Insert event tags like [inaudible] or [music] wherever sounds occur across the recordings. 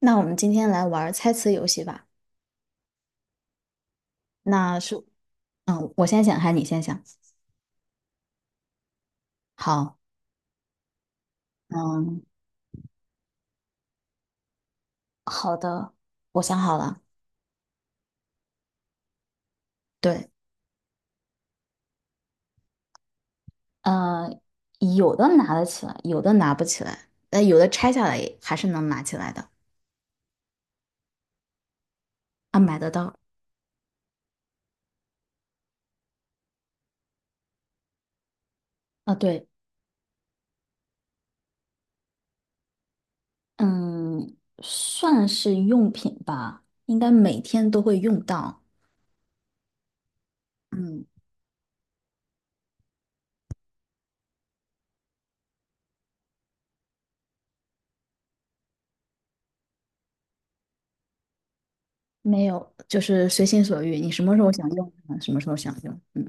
那我们今天来玩儿猜词游戏吧。那是，我先想，还是你先想？好，嗯，好的，我想好了。对，呃，有的拿得起来，有的拿不起来，有的拆下来也还是能拿起来的，啊，买得到。啊，对，嗯，算是用品吧，应该每天都会用到。嗯，没有，就是随心所欲，你什么时候想用，什么时候想用。嗯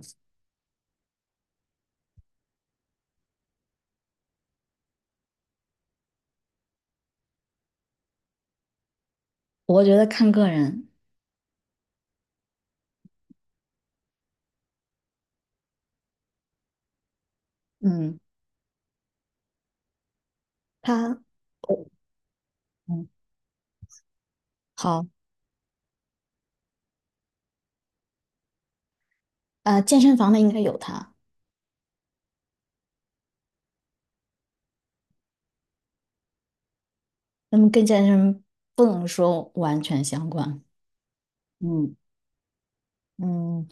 我觉得看个人，嗯，他我嗯，好，健身房的应该有它，那么跟健身不能说完全相关，嗯，嗯，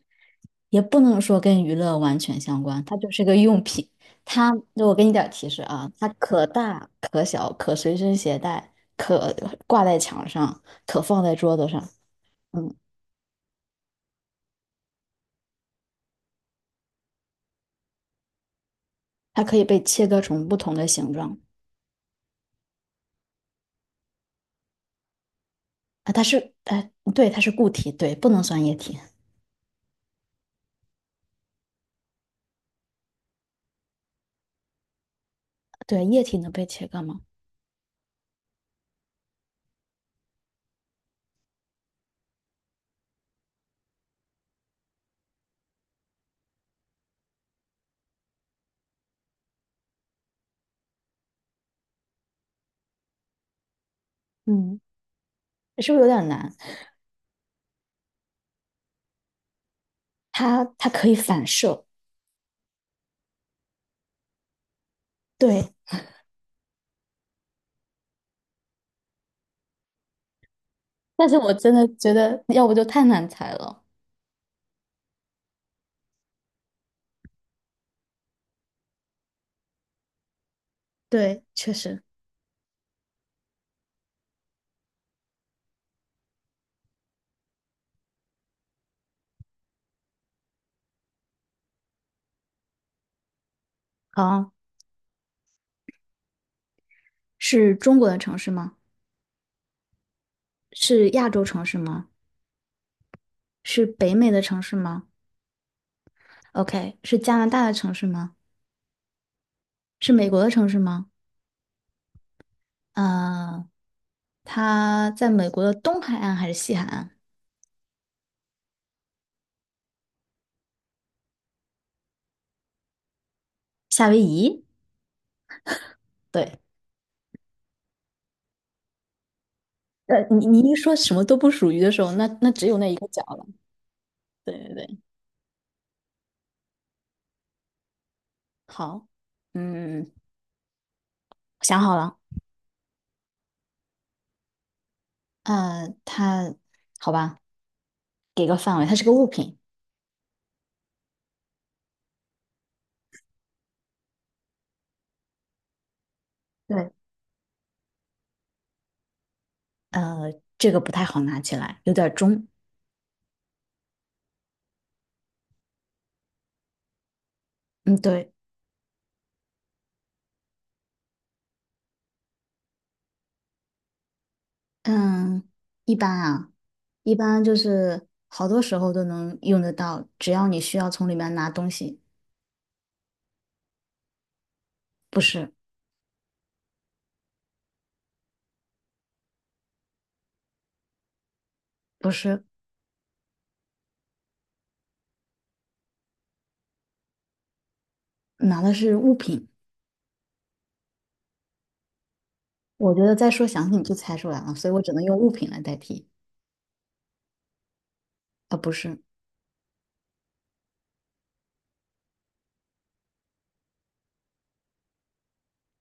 也不能说跟娱乐完全相关，它就是个用品。我给你点儿提示啊，它可大可小，可随身携带，可挂在墙上，可放在桌子上。嗯，它可以被切割成不同的形状啊。哎，对，它是固体，对，不能算液体。对，液体能被切割吗？嗯，是不是有点难？它可以反射。对，但是我真的觉得，要不就太难猜了。对，确实。好，是中国的城市吗？是亚洲城市吗？是北美的城市吗？OK，是加拿大的城市吗？是美国的城市吗？呃，它在美国的东海岸还是西海岸？夏威夷？对，你一说什么都不属于的时候，那只有那一个角了。对对对，好，嗯，想好了。呃，它，好吧，给个范围，它是个物品。对，这个不太好拿起来，有点重。嗯，对，嗯，一般啊，一般就是好多时候都能用得到，只要你需要从里面拿东西，不是，不是，拿的是物品。我觉得再说详细你就猜出来了，所以我只能用物品来代替。啊，不是，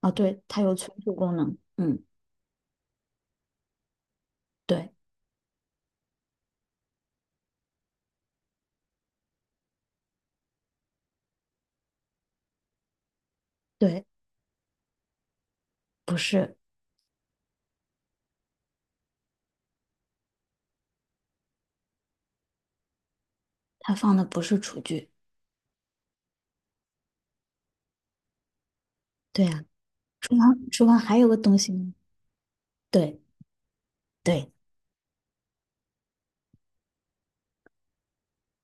啊，对，它有存储功能。嗯，对，对，不是，它放的不是厨具。对呀、啊厨房还有个东西呢。对，对。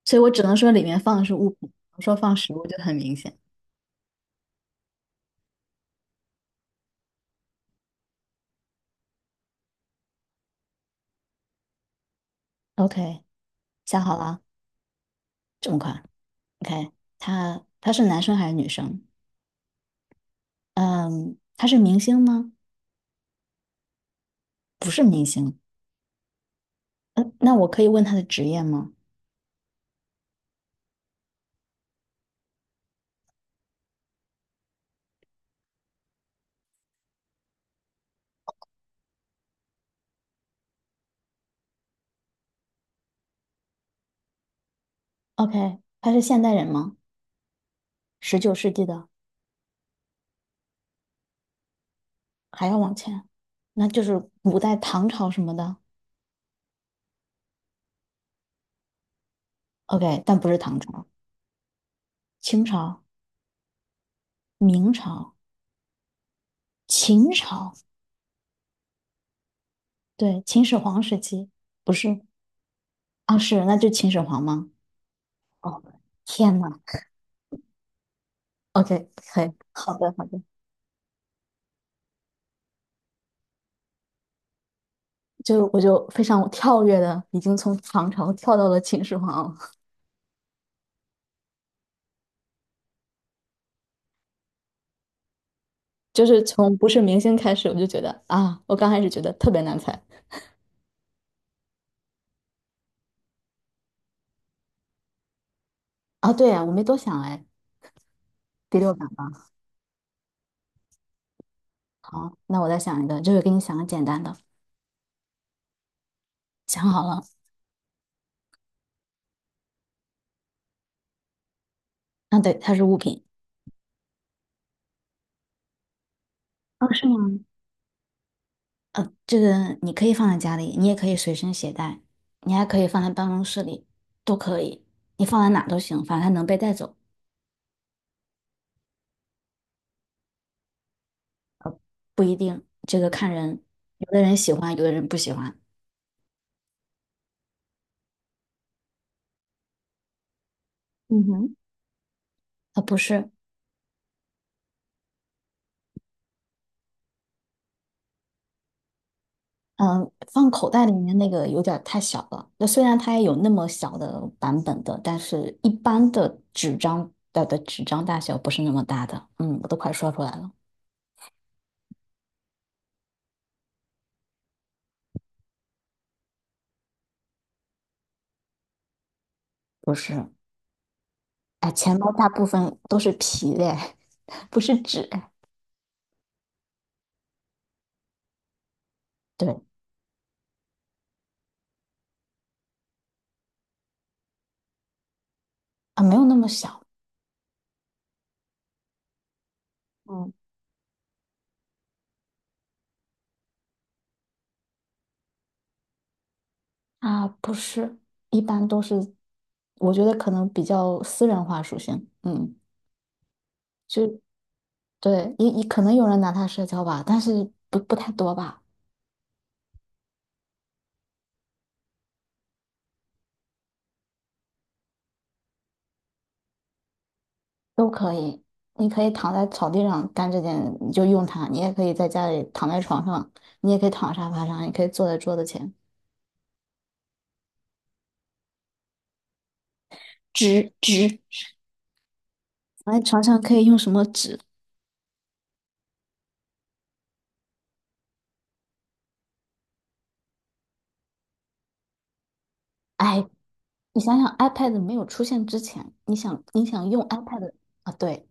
所以我只能说里面放的是物品，我说放食物就很明显。OK，想好了，这么快？OK，他是男生还是女生？嗯，他是明星吗？不是明星。嗯，那我可以问他的职业吗？OK，他是现代人吗？19世纪的，还要往前，那就是古代唐朝什么的。OK，但不是唐朝，清朝、明朝、秦朝，对，秦始皇时期，不是啊，是，那就秦始皇吗？哦，天呐！OK，可以，好的，好的，我就非常跳跃的，已经从唐朝跳到了秦始皇了 [laughs] 就是从不是明星开始，我就觉得啊，我刚开始觉得特别难猜啊，对呀，我没多想哎，第六感吧。好，那我再想一个，就是给你想个简单的，想好了，啊，对，它是物品，啊，是吗？这个你可以放在家里，你也可以随身携带，你还可以放在办公室里，都可以，你放在哪都行，反正它能被带走。不一定，这个看人，有的人喜欢，有的人不喜欢。嗯哼，啊，不是，嗯、放口袋里面那个有点儿太小了。那虽然它也有那么小的版本的，但是一般的纸张的纸张大小不是那么大的。嗯，我都快说出来了，不是。哎，钱包大部分都是皮的，[laughs] 不是纸。对啊，没有那么小嗯，啊，不是，一般都是，我觉得可能比较私人化属性。嗯，就对，也可能有人拿它社交吧，但是不太多吧，都可以。你可以躺在草地上干这件，你就用它；你也可以在家里躺在床上，你也可以躺沙发上，你可以坐在桌子前。纸纸，躺在床上可以用什么纸？哎，你想想，iPad 没有出现之前，你想用 iPad 啊？对，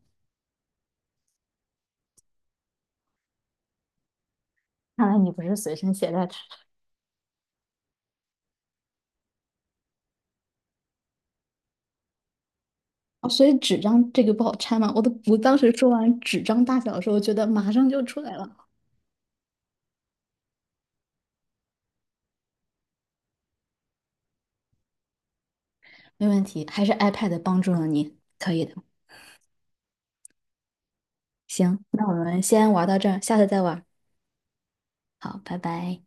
看来你不是随身携带纸。哦，所以纸张这个不好拆吗？我当时说完纸张大小的时候，觉得马上就出来了。没问题，还是 iPad 帮助了你，可以的。行，那我们先玩到这儿，下次再玩。好，拜拜。